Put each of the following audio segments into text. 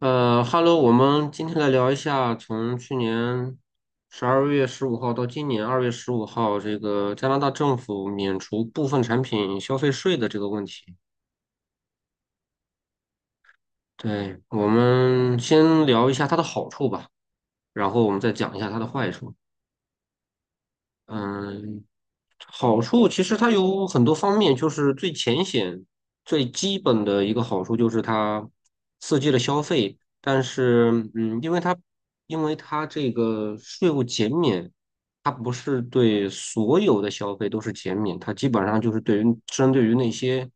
哈喽，我们今天来聊一下从去年12月15号到今年二月十五号，这个加拿大政府免除部分产品消费税的这个问题。对，我们先聊一下它的好处吧，然后我们再讲一下它的坏处。嗯，好处其实它有很多方面，就是最浅显、最基本的一个好处就是它刺激了消费，但是因为它这个税务减免，它不是对所有的消费都是减免，它基本上就是对于针对于那些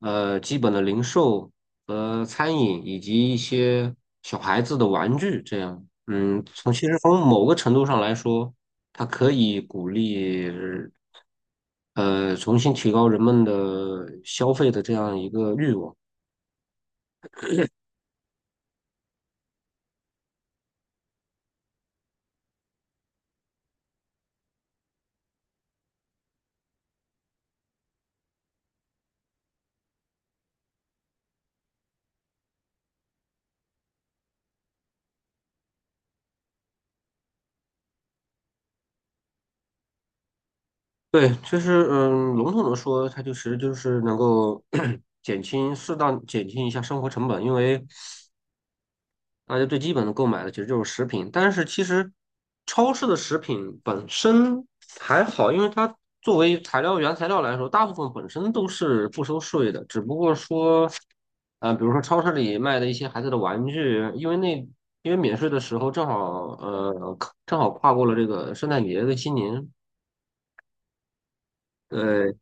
基本的零售和餐饮以及一些小孩子的玩具这样，其实从某个程度上来说。它可以鼓励重新提高人们的消费的这样一个欲望。对，就是笼统的说，它就其实就是能够 适当减轻一下生活成本，因为大家最基本的购买的其实就是食品，但是其实超市的食品本身还好，因为它作为原材料来说，大部分本身都是不收税的，只不过说，比如说超市里卖的一些孩子的玩具，因为免税的时候呃正好跨过了这个圣诞节的新年，对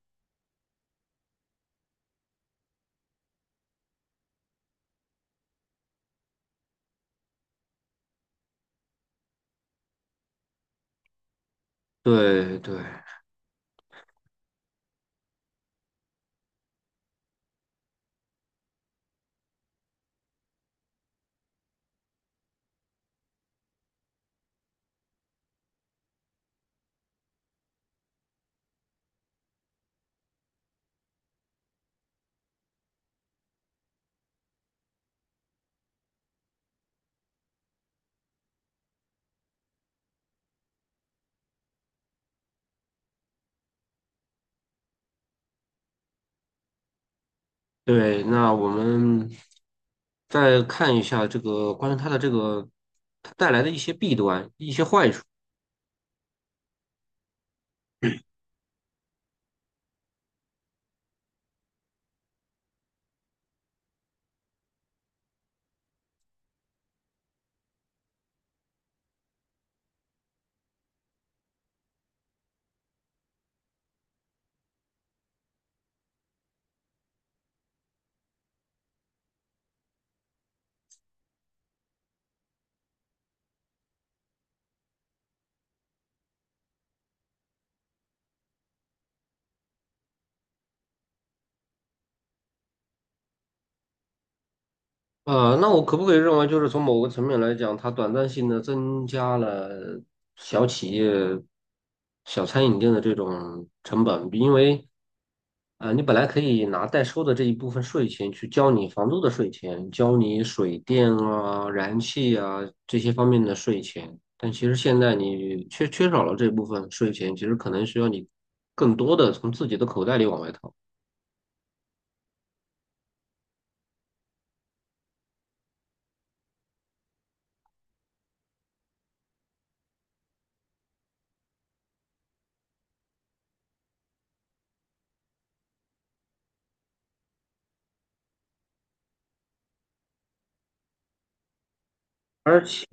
对对对，那我们再看一下这个关于它的这个它带来的一些弊端、一些坏处。那我可不可以认为，就是从某个层面来讲，它短暂性的增加了小企业、小餐饮店的这种成本？因为，你本来可以拿代收的这一部分税钱去交你房租的税钱，交你水电啊、燃气啊这些方面的税钱，但其实现在你缺少了这部分税钱，其实可能需要你更多的从自己的口袋里往外掏。而且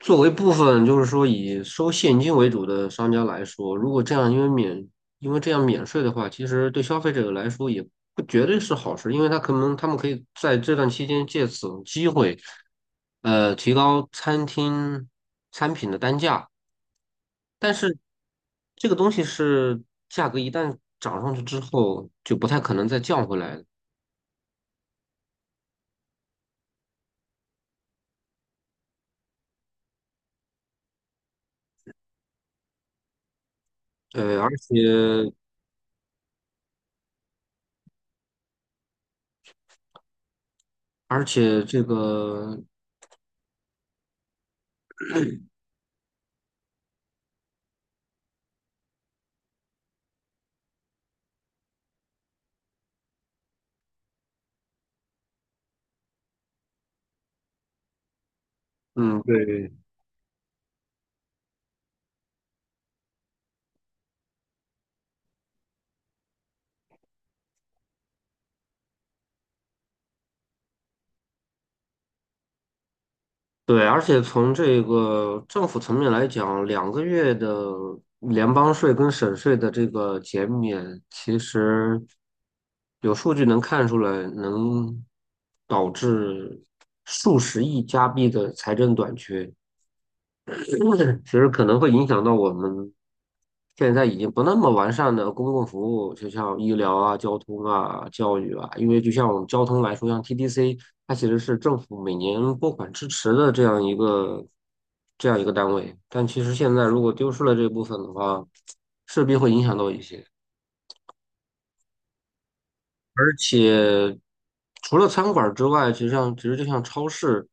作为部分就是说以收现金为主的商家来说，如果这样因为这样免税的话，其实对消费者来说也不绝对是好事，因为他可能他们可以在这段期间借此机会，提高餐品的单价。但是这个东西是价格一旦涨上去之后，就不太可能再降回来了。呃，而且而且这个，嗯，对。对，而且从这个政府层面来讲，两个月的联邦税跟省税的这个减免，其实有数据能看出来，能导致数十亿加币的财政短缺，其实可能会影响到我们现在已经不那么完善的公共服务，就像医疗啊、交通啊、教育啊，因为就像我们交通来说，像 TDC，它其实是政府每年拨款支持的这样一个单位，但其实现在如果丢失了这部分的话，势必会影响到一些。而且除了餐馆儿之外，其实就像超市，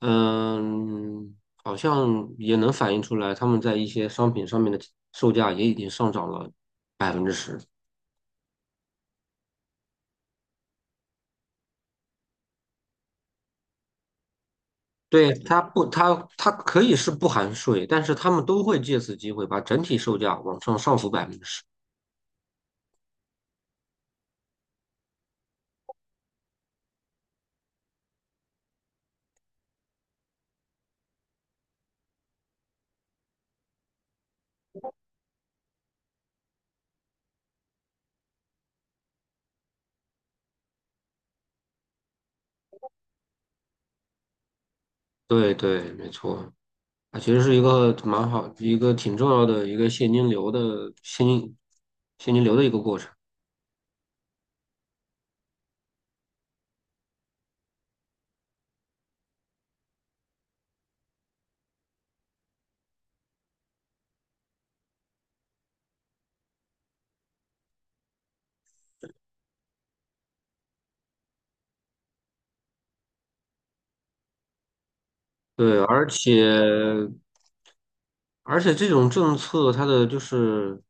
嗯，好像也能反映出来，他们在一些商品上面的售价也已经上涨了百分之十。对，它可以是不含税，但是他们都会借此机会把整体售价往上浮百分之十。对对，没错，啊，其实是一个蛮好，一个挺重要的一个现金流的一个过程。对，而且这种政策它的就是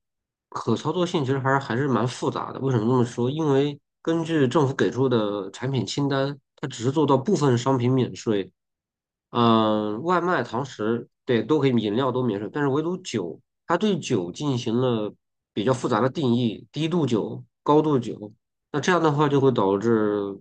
可操作性其实还是蛮复杂的。为什么这么说？因为根据政府给出的产品清单，它只是做到部分商品免税，外卖、堂食，对，都可以，饮料都免税，但是唯独酒，它对酒进行了比较复杂的定义，低度酒、高度酒，那这样的话就会导致，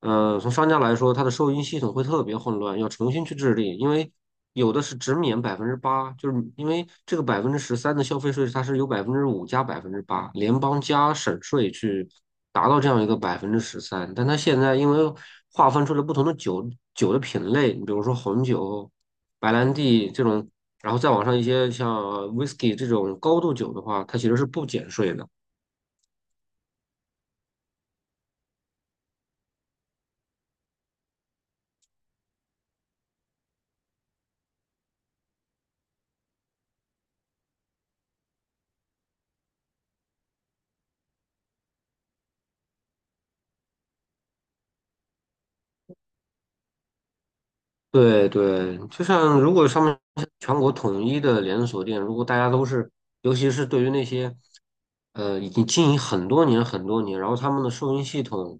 从商家来说，它的收银系统会特别混乱，要重新去制定，因为有的是只免百分之八，就是因为这个百分之十三的消费税，它是由5%加百分之八，联邦加省税去。达到这样一个百分之十三，但它现在因为划分出了不同的酒的品类，你比如说红酒、白兰地这种，然后再往上一些像 whisky 这种高度酒的话，它其实是不减税的。对对，就像如果上面全国统一的连锁店，如果大家都是，尤其是对于那些，已经经营很多年很多年，然后他们的收银系统，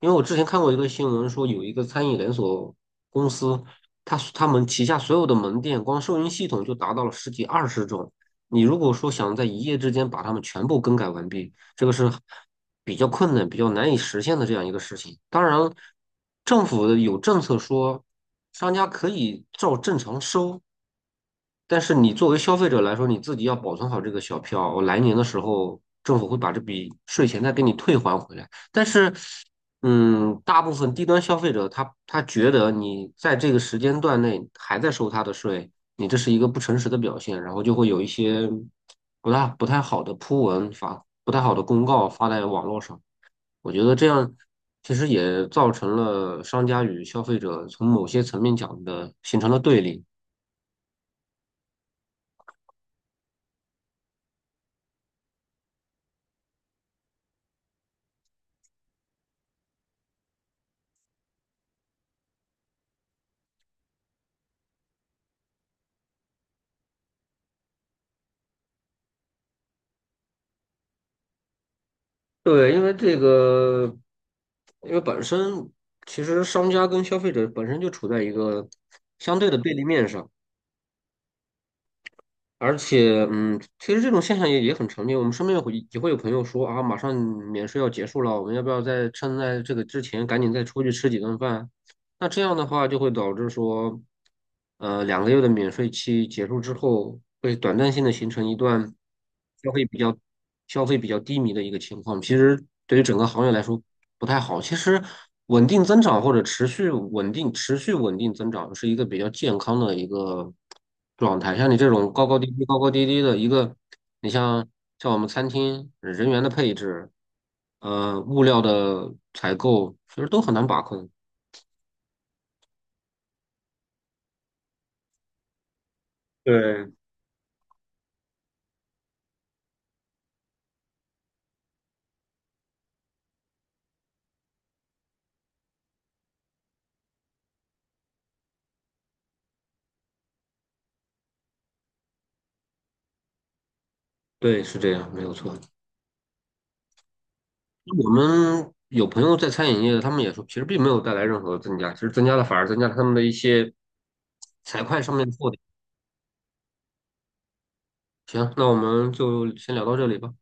因为我之前看过一个新闻，说有一个餐饮连锁公司，他们旗下所有的门店，光收银系统就达到了十几二十种。你如果说想在一夜之间把它们全部更改完毕，这个是比较困难、比较难以实现的这样一个事情。当然，政府的有政策说。商家可以照正常收，但是你作为消费者来说，你自己要保存好这个小票，我来年的时候政府会把这笔税钱再给你退还回来。但是，大部分低端消费者他觉得你在这个时间段内还在收他的税，你这是一个不诚实的表现，然后就会有一些不大不太好的铺文发，不太好的公告发在网络上。我觉得这样其实也造成了商家与消费者从某些层面讲的形成了对立。对，因为本身其实商家跟消费者本身就处在一个相对的对立面上，而且，其实这种现象也很常见。我们身边也会有朋友说啊，马上免税要结束了，我们要不要趁在这个之前赶紧再出去吃几顿饭？那这样的话就会导致说，两个月的免税期结束之后，会短暂性的形成一段消费比较消费比较低迷的一个情况。其实对于整个行业来说不太好。其实稳定增长或者持续稳定增长是一个比较健康的一个状态。像你这种高高低低高高低低的一个，你像像我们餐厅人员的配置，物料的采购，其实都很难把控。对，对，是这样，没有错。我们有朋友在餐饮业的他们也说，其实并没有带来任何增加，其实增加了反而增加了他们的一些财会上面的负担。行，那我们就先聊到这里吧。